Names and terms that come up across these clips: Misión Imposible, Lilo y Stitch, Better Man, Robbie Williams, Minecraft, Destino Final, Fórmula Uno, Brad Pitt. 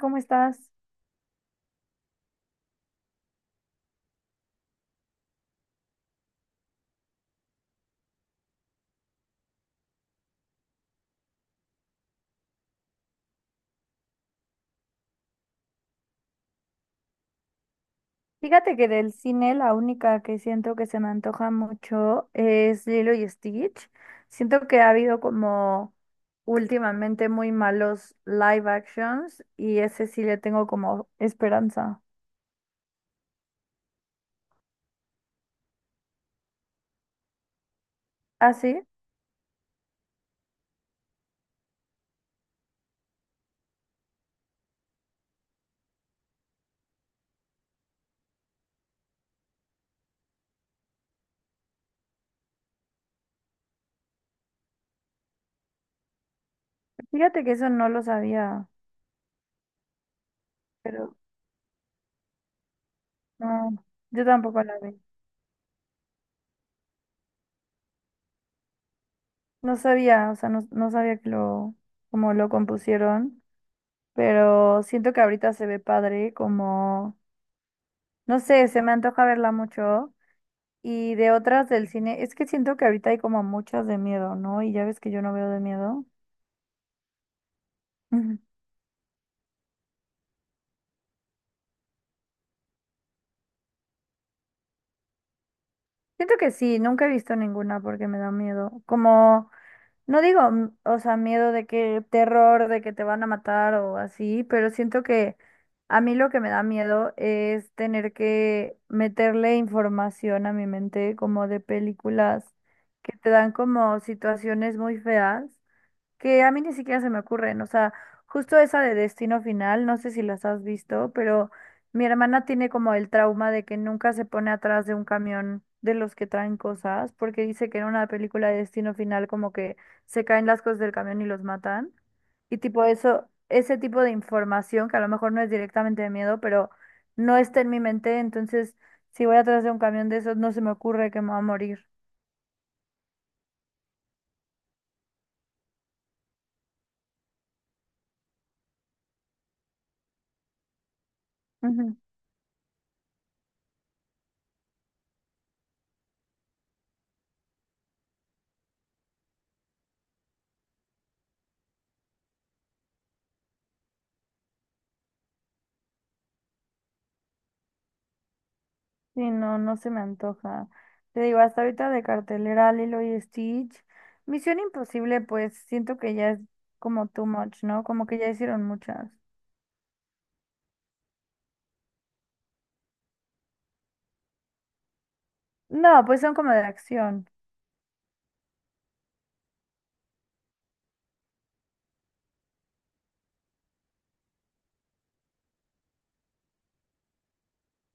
¿Cómo estás? Fíjate que del cine la única que siento que se me antoja mucho es Lilo y Stitch. Siento que ha habido como últimamente muy malos live actions y ese sí le tengo como esperanza. ¿Ah, sí? Fíjate que eso no lo sabía, pero no, yo tampoco la vi. No sabía, o sea, no sabía que lo, como lo compusieron, pero siento que ahorita se ve padre, como, no sé, se me antoja verla mucho. Y de otras del cine, es que siento que ahorita hay como muchas de miedo, ¿no? Y ya ves que yo no veo de miedo. Ujú. Siento que sí, nunca he visto ninguna porque me da miedo. Como, no digo, o sea, miedo de que terror, de que te van a matar o así, pero siento que a mí lo que me da miedo es tener que meterle información a mi mente como de películas que te dan como situaciones muy feas, que a mí ni siquiera se me ocurren. O sea, justo esa de Destino Final, no sé si las has visto, pero mi hermana tiene como el trauma de que nunca se pone atrás de un camión de los que traen cosas, porque dice que en una película de Destino Final como que se caen las cosas del camión y los matan. Y tipo eso, ese tipo de información que a lo mejor no es directamente de miedo, pero no está en mi mente, entonces si voy atrás de un camión de esos no se me ocurre que me va a morir. Sí, no, no se me antoja. Te digo, hasta ahorita de cartelera Lilo y Stitch. Misión Imposible, pues siento que ya es como too much, ¿no? Como que ya hicieron muchas. No, pues son como de acción.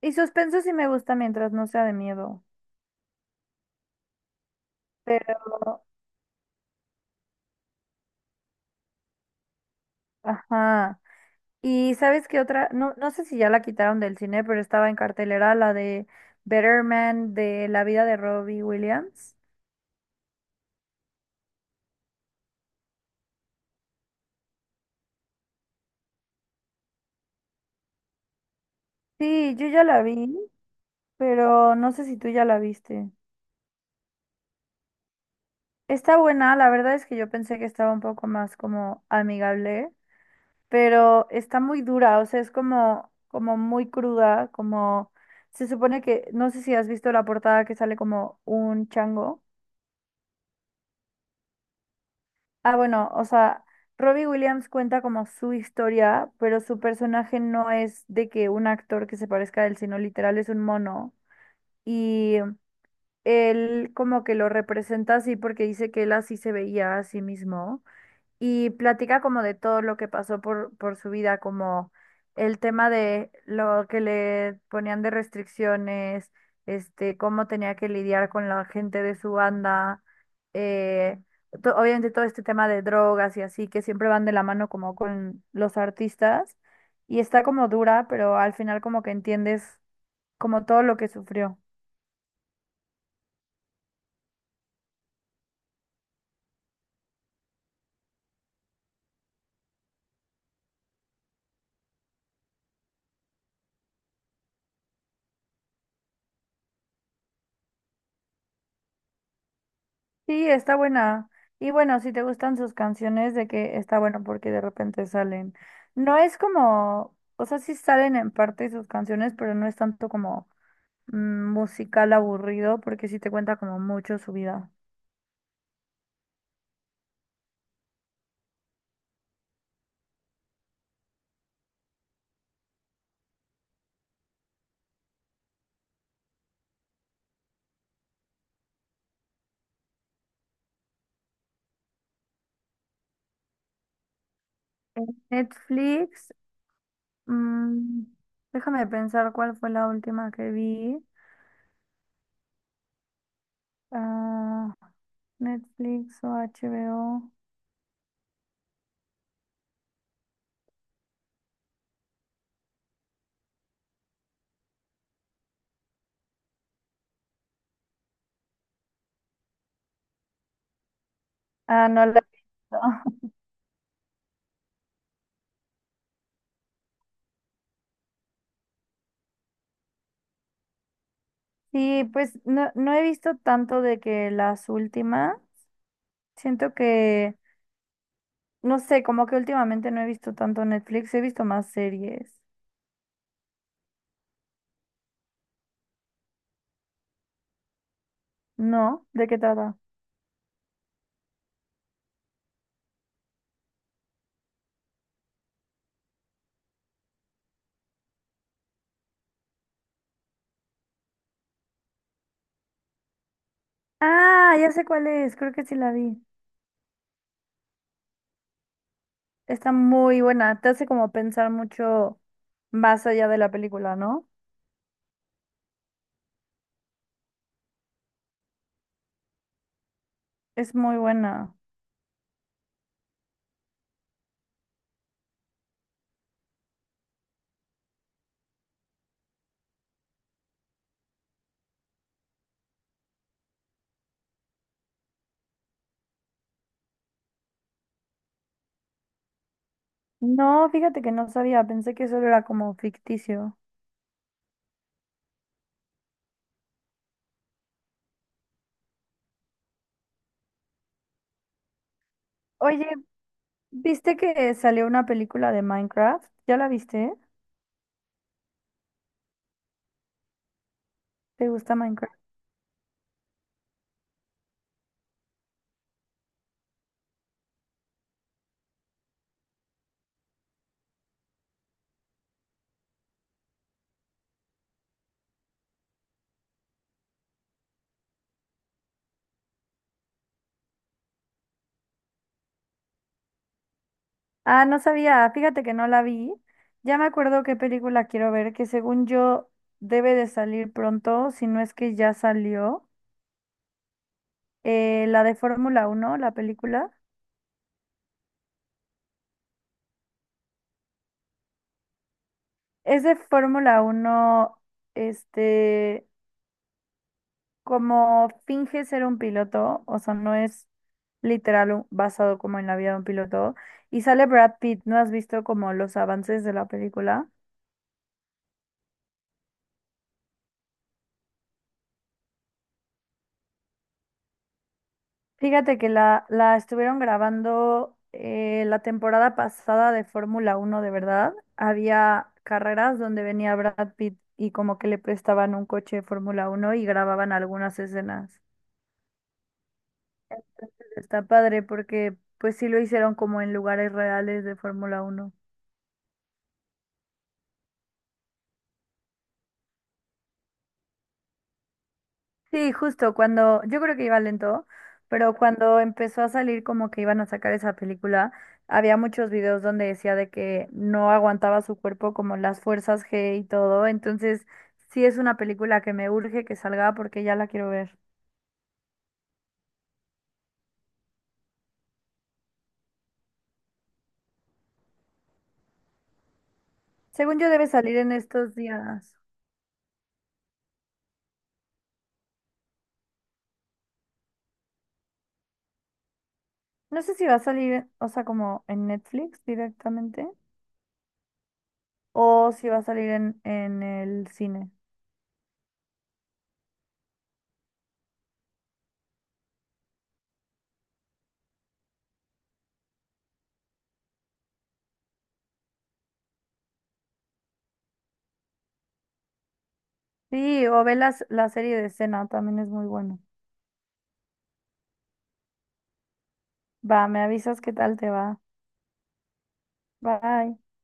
Y suspenso sí me gusta mientras no sea de miedo. Pero, ajá. Y ¿sabes qué otra? No, no sé si ya la quitaron del cine, pero estaba en cartelera la de Better Man, de la vida de Robbie Williams. Sí, yo ya la vi, pero no sé si tú ya la viste. Está buena, la verdad es que yo pensé que estaba un poco más como amigable, pero está muy dura, o sea, es como, como muy cruda, como se supone que, no sé si has visto la portada que sale como un chango. Ah, bueno, o sea, Robbie Williams cuenta como su historia, pero su personaje no es de que un actor que se parezca a él, sino literal es un mono. Y él como que lo representa así porque dice que él así se veía a sí mismo, y platica como de todo lo que pasó por su vida, como el tema de lo que le ponían de restricciones, este, cómo tenía que lidiar con la gente de su banda, eh, obviamente todo este tema de drogas y así, que siempre van de la mano como con los artistas, y está como dura, pero al final como que entiendes como todo lo que sufrió. Sí, está buena. Y bueno, si te gustan sus canciones, de que está bueno porque de repente salen. No es como, o sea, sí salen en parte sus canciones, pero no es tanto como musical aburrido porque sí te cuenta como mucho su vida. En Netflix, mm, déjame pensar cuál fue la última que vi. Ah, Netflix o HBO. Ah, no la he visto. Sí, pues no, no he visto tanto de que las últimas. Siento que, no sé, como que últimamente no he visto tanto Netflix, he visto más series. ¿No? ¿De qué trata? Ah, ya sé cuál es, creo que sí la vi. Está muy buena, te hace como pensar mucho más allá de la película, ¿no? Es muy buena. No, fíjate que no sabía, pensé que solo era como ficticio. Oye, ¿viste que salió una película de Minecraft? ¿Ya la viste? ¿Te gusta Minecraft? Ah, no sabía, fíjate que no la vi. Ya me acuerdo qué película quiero ver, que según yo debe de salir pronto, si no es que ya salió. La de Fórmula 1, la película. Es de Fórmula 1, este, como finge ser un piloto, o sea, no es literal basado como en la vida de un piloto. Y sale Brad Pitt, ¿no has visto como los avances de la película? Fíjate que la estuvieron grabando la temporada pasada de Fórmula Uno, de verdad. Había carreras donde venía Brad Pitt y como que le prestaban un coche de Fórmula Uno y grababan algunas escenas. Está padre porque pues sí lo hicieron como en lugares reales de Fórmula Uno. Sí, justo cuando, yo creo que iba lento, pero cuando empezó a salir como que iban a sacar esa película, había muchos videos donde decía de que no aguantaba su cuerpo como las fuerzas G y todo, entonces sí es una película que me urge que salga porque ya la quiero ver. Según yo debe salir en estos días. No sé si va a salir, o sea, como en Netflix directamente, o si va a salir en el cine. Sí, o ve la serie de escena, también es muy bueno. Va, me avisas qué tal te va. Bye.